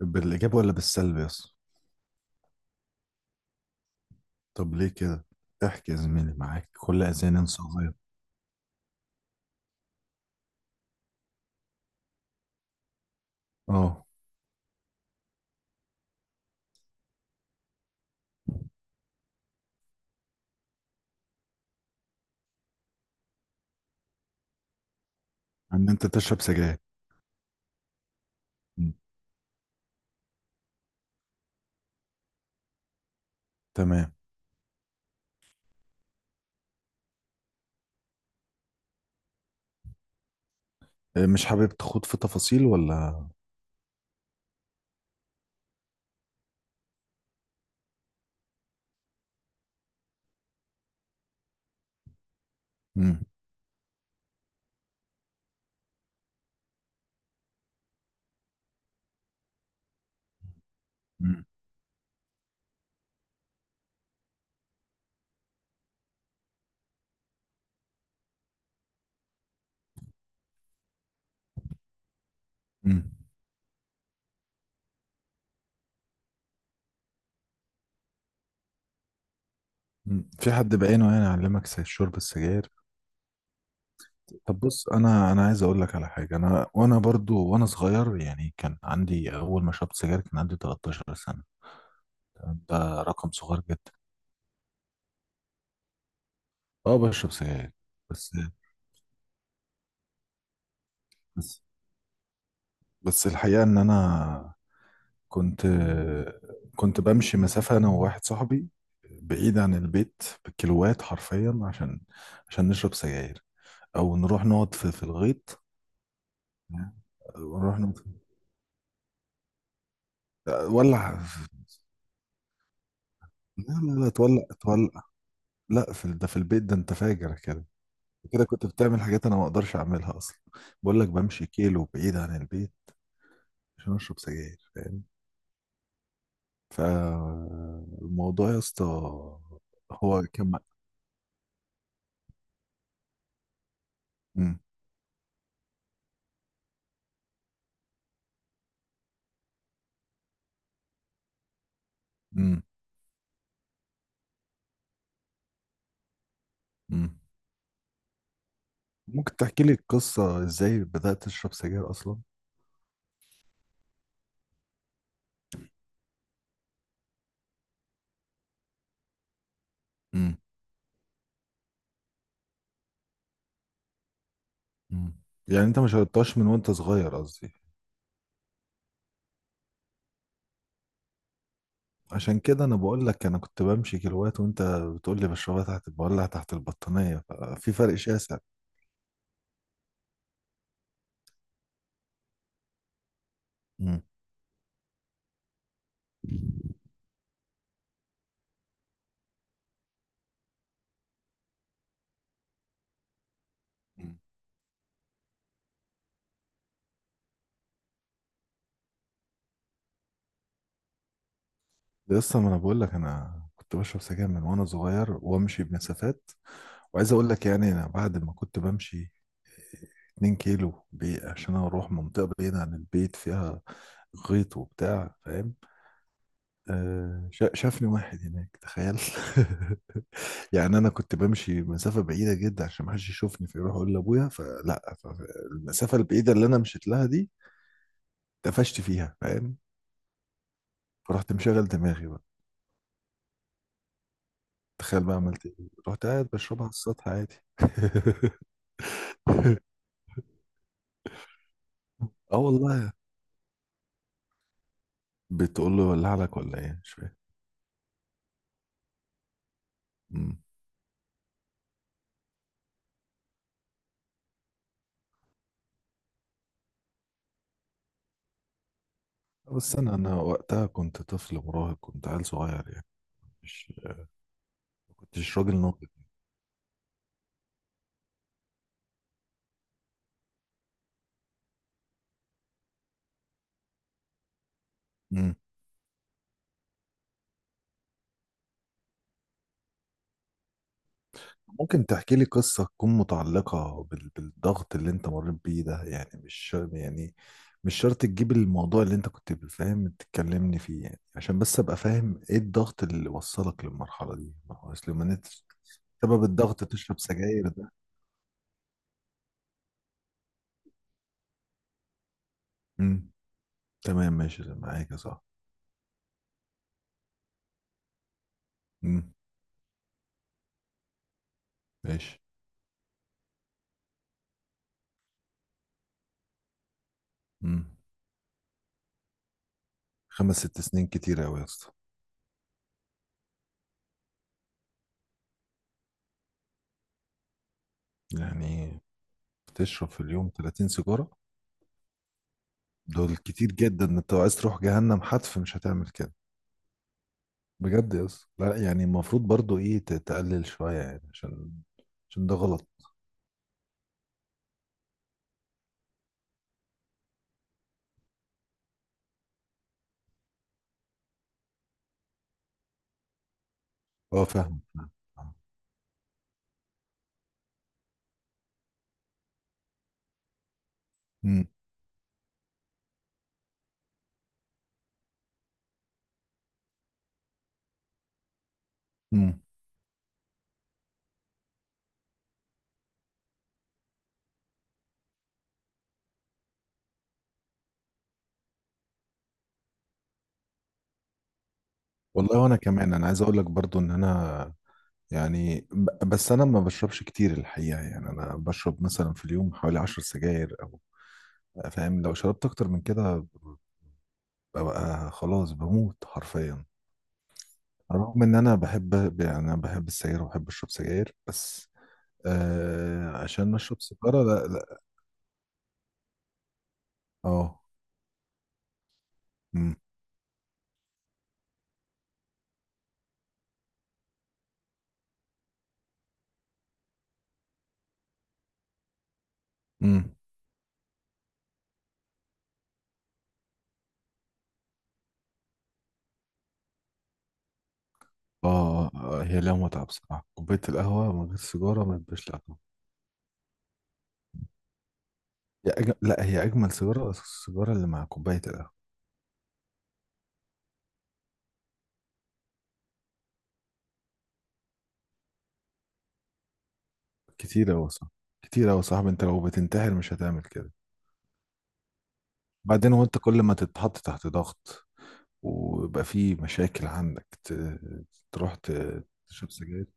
بالإيجاب ولا بالسلب يا اسطى؟ طب ليه كده؟ احكي يا زميلي، معاك كل أذان صغير. اه، ان انت تشرب سجاير. مم. تمام. إيه، مش حابب تخوض في تفاصيل ولا؟ مم. مم. مم. مم. في حد بعينه يعني علمك شرب السجاير؟ طب بص، انا عايز اقول لك على حاجه. انا وانا برضو وانا صغير يعني كان عندي، اول ما شربت سجاير كان عندي 13 سنه. تمام؟ ده رقم صغير جدا. اه بشرب سجاير. بس بس بس الحقيقه ان انا كنت كنت بمشي مسافة أنا وواحد صاحبي بعيد عن البيت بالكيلوات حرفيا، عشان نشرب سجاير، أو نروح نقعد في الغيط. ونروح نقعد في- ولع في- لا لا لا، تولع تولع. لا في ده، في البيت ده أنت فاجر كده. كده كنت بتعمل حاجات أنا ما أقدرش أعملها أصلا. بقول لك بمشي كيلو بعيد عن البيت عشان أشرب سجاير، فاهم؟ فالموضوع يا اسطى، هو كان. مم. مم. مم. ممكن تحكي لي القصة ازاي بدأت تشرب سجاير اصلا؟ امم. امم. يعني انت ما شربتهاش من وانت صغير قصدي؟ عشان كده انا بقول لك، انا كنت بمشي كيلوات وانت بتقول لي بشربها تحت، بولع تحت البطانية، ففي فرق شاسع. امم. ده لسه، ما انا بقول لك انا كنت بشرب سجاير من وانا صغير وامشي بمسافات. وعايز اقول لك يعني انا بعد ما كنت بمشي 2 كيلو بي، عشان اروح منطقة بعيدة عن البيت فيها غيط وبتاع، فاهم؟ شافني واحد هناك، تخيل. يعني انا كنت بمشي مسافه بعيده جدا عشان ما حدش يشوفني فيروح اقول لابويا، فلا المسافه البعيده اللي انا مشيت لها دي، اتقفشت فيها، فاهم. فرحت مشغل دماغي بقى. تخيل بقى عملت ايه، رحت قاعد بشربها على السطح عادي. اه والله. بتقول له ولع لك ولا ايه؟ مش فاهم. مم. بس انا وقتها كنت طفل مراهق، كنت عيل صغير يعني. مش ما كنتش راجل ناضج. إمم. ممكن تحكي لي قصة تكون متعلقة بالضغط اللي انت مريت بيه ده يعني؟ مش شرط يعني، مش شرط تجيب الموضوع اللي انت كنت فاهم تتكلمني فيه، يعني عشان بس ابقى فاهم ايه الضغط اللي وصلك للمرحلة دي. ما هو اصل سبب الضغط تشرب سجاير ده. امم. تمام، ماشي معاك يا صاحبي. امم. ماشي. امم. خمس ست سنين كتير قوي يا اسطى. يعني بتشرب في اليوم 30 سيجارة؟ دول كتير جدا، انت لو عايز تروح جهنم حتف مش هتعمل كده. بجد يس لا، يعني المفروض برضو ايه تقلل شوية يعني، عشان ده غلط. اه فاهم فاهم. امم. امم. والله وانا كمان انا عايز اقول لك برضو ان انا يعني بس انا ما بشربش كتير الحقيقة. يعني انا بشرب مثلا في اليوم حوالي 10 سجاير او، فاهم، لو شربت اكتر من كده ببقى خلاص بموت حرفيا. رغم ان انا بحب، يعني انا بحب السجاير وبحب اشرب سجاير، بس عشان اشرب سيجارة لا لا. اه. امم. اه. هي لها متعة بصراحة، كوباية القهوة من غير سيجارة ما تبقاش لها طعم. لا هي أجمل سيجارة، السيجارة اللي مع كوباية القهوة. كتير أوي صح. كتير أوي يا صاحبي، أنت لو بتنتحر مش هتعمل كده. بعدين وأنت كل ما تتحط تحت ضغط ويبقى في مشاكل عندك تروح تشرب سجاير.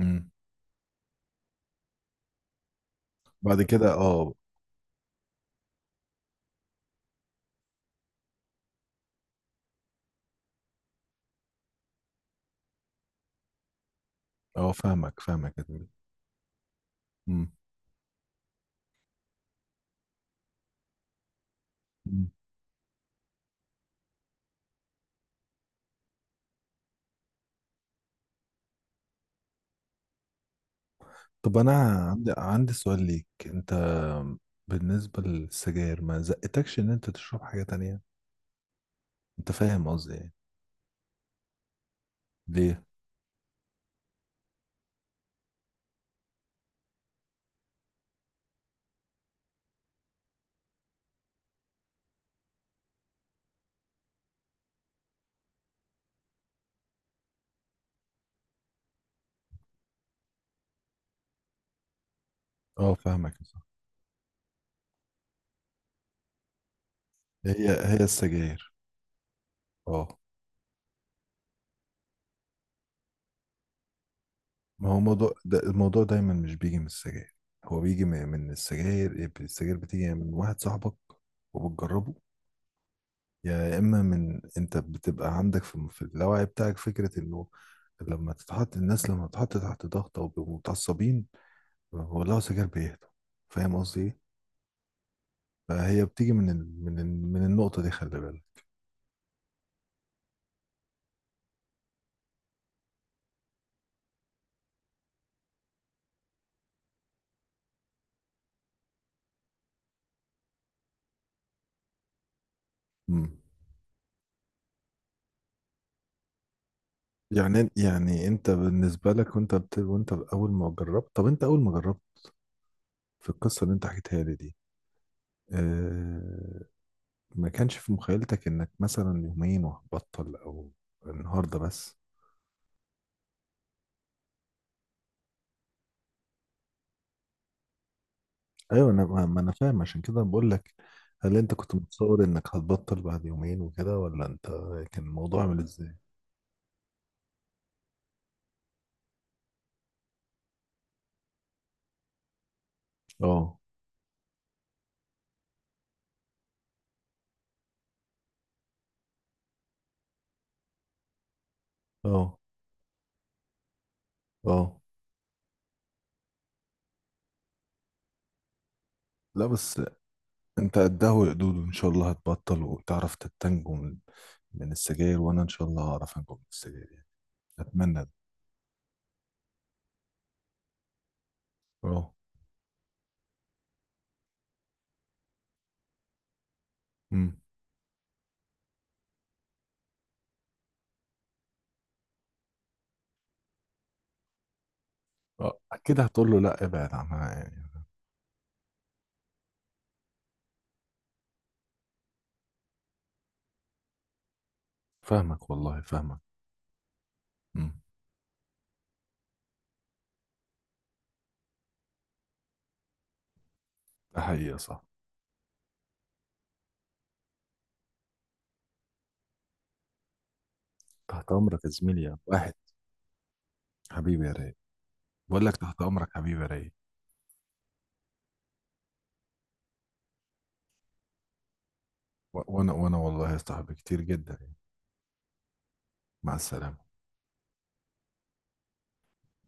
امم. بعد كده اه. اه فاهمك فاهمك يا زميلي. امم. أمم. طب أنا عندي سؤال ليك أنت، بالنسبة للسجاير. ما زقتكش إن أنت تشرب حاجة تانية؟ انت فاهم قصدي يعني. ليه؟ اه فاهمك يا صاحبي. هي السجاير. اه ما هو موضوع ده، الموضوع دايما مش بيجي من السجاير، هو بيجي من السجاير. إيه، السجاير بتيجي من واحد صاحبك وبتجربه، يا اما من انت بتبقى عندك في اللاوعي بتاعك فكرة انه لما تتحط الناس، لما تتحط تحت ضغط او بيبقوا متعصبين ولو سجاير بيهدوا، فاهم قصدي ايه. فهي بتيجي من ال... من النقطة دي خلي بالك. مم. يعني انت بالنسبه لك وانت اول ما جربت. طب انت اول ما جربت في القصه اللي انت حكيتها لي دي، اه... ما كانش في مخيلتك انك مثلا يومين وهتبطل، او النهارده بس؟ ايوه انا ما ما انا فاهم، عشان كده بقول لك، هل انت كنت متصور انك هتبطل بعد يومين وكده، ولا انت كان الموضوع عامل ازاي؟ اه. اه. اه لا بس، انت قدها وقدود، وان شاء الله هتبطل وتعرف تتنجم من السجاير، وانا ان شاء الله هعرف انجم من السجاير. يعني اتمنى. اه. امم. اه اكيد هتقول له لا ابعد عنها يعني. فاهمك والله فاهمك. امم. ده حقيقة صح. تحت امرك يا زميلي يا واحد، حبيبي يا رايق. بقول لك تحت امرك حبيبي يا رايق. وانا والله يا صاحبي كتير جدا يعني. مع السلامة.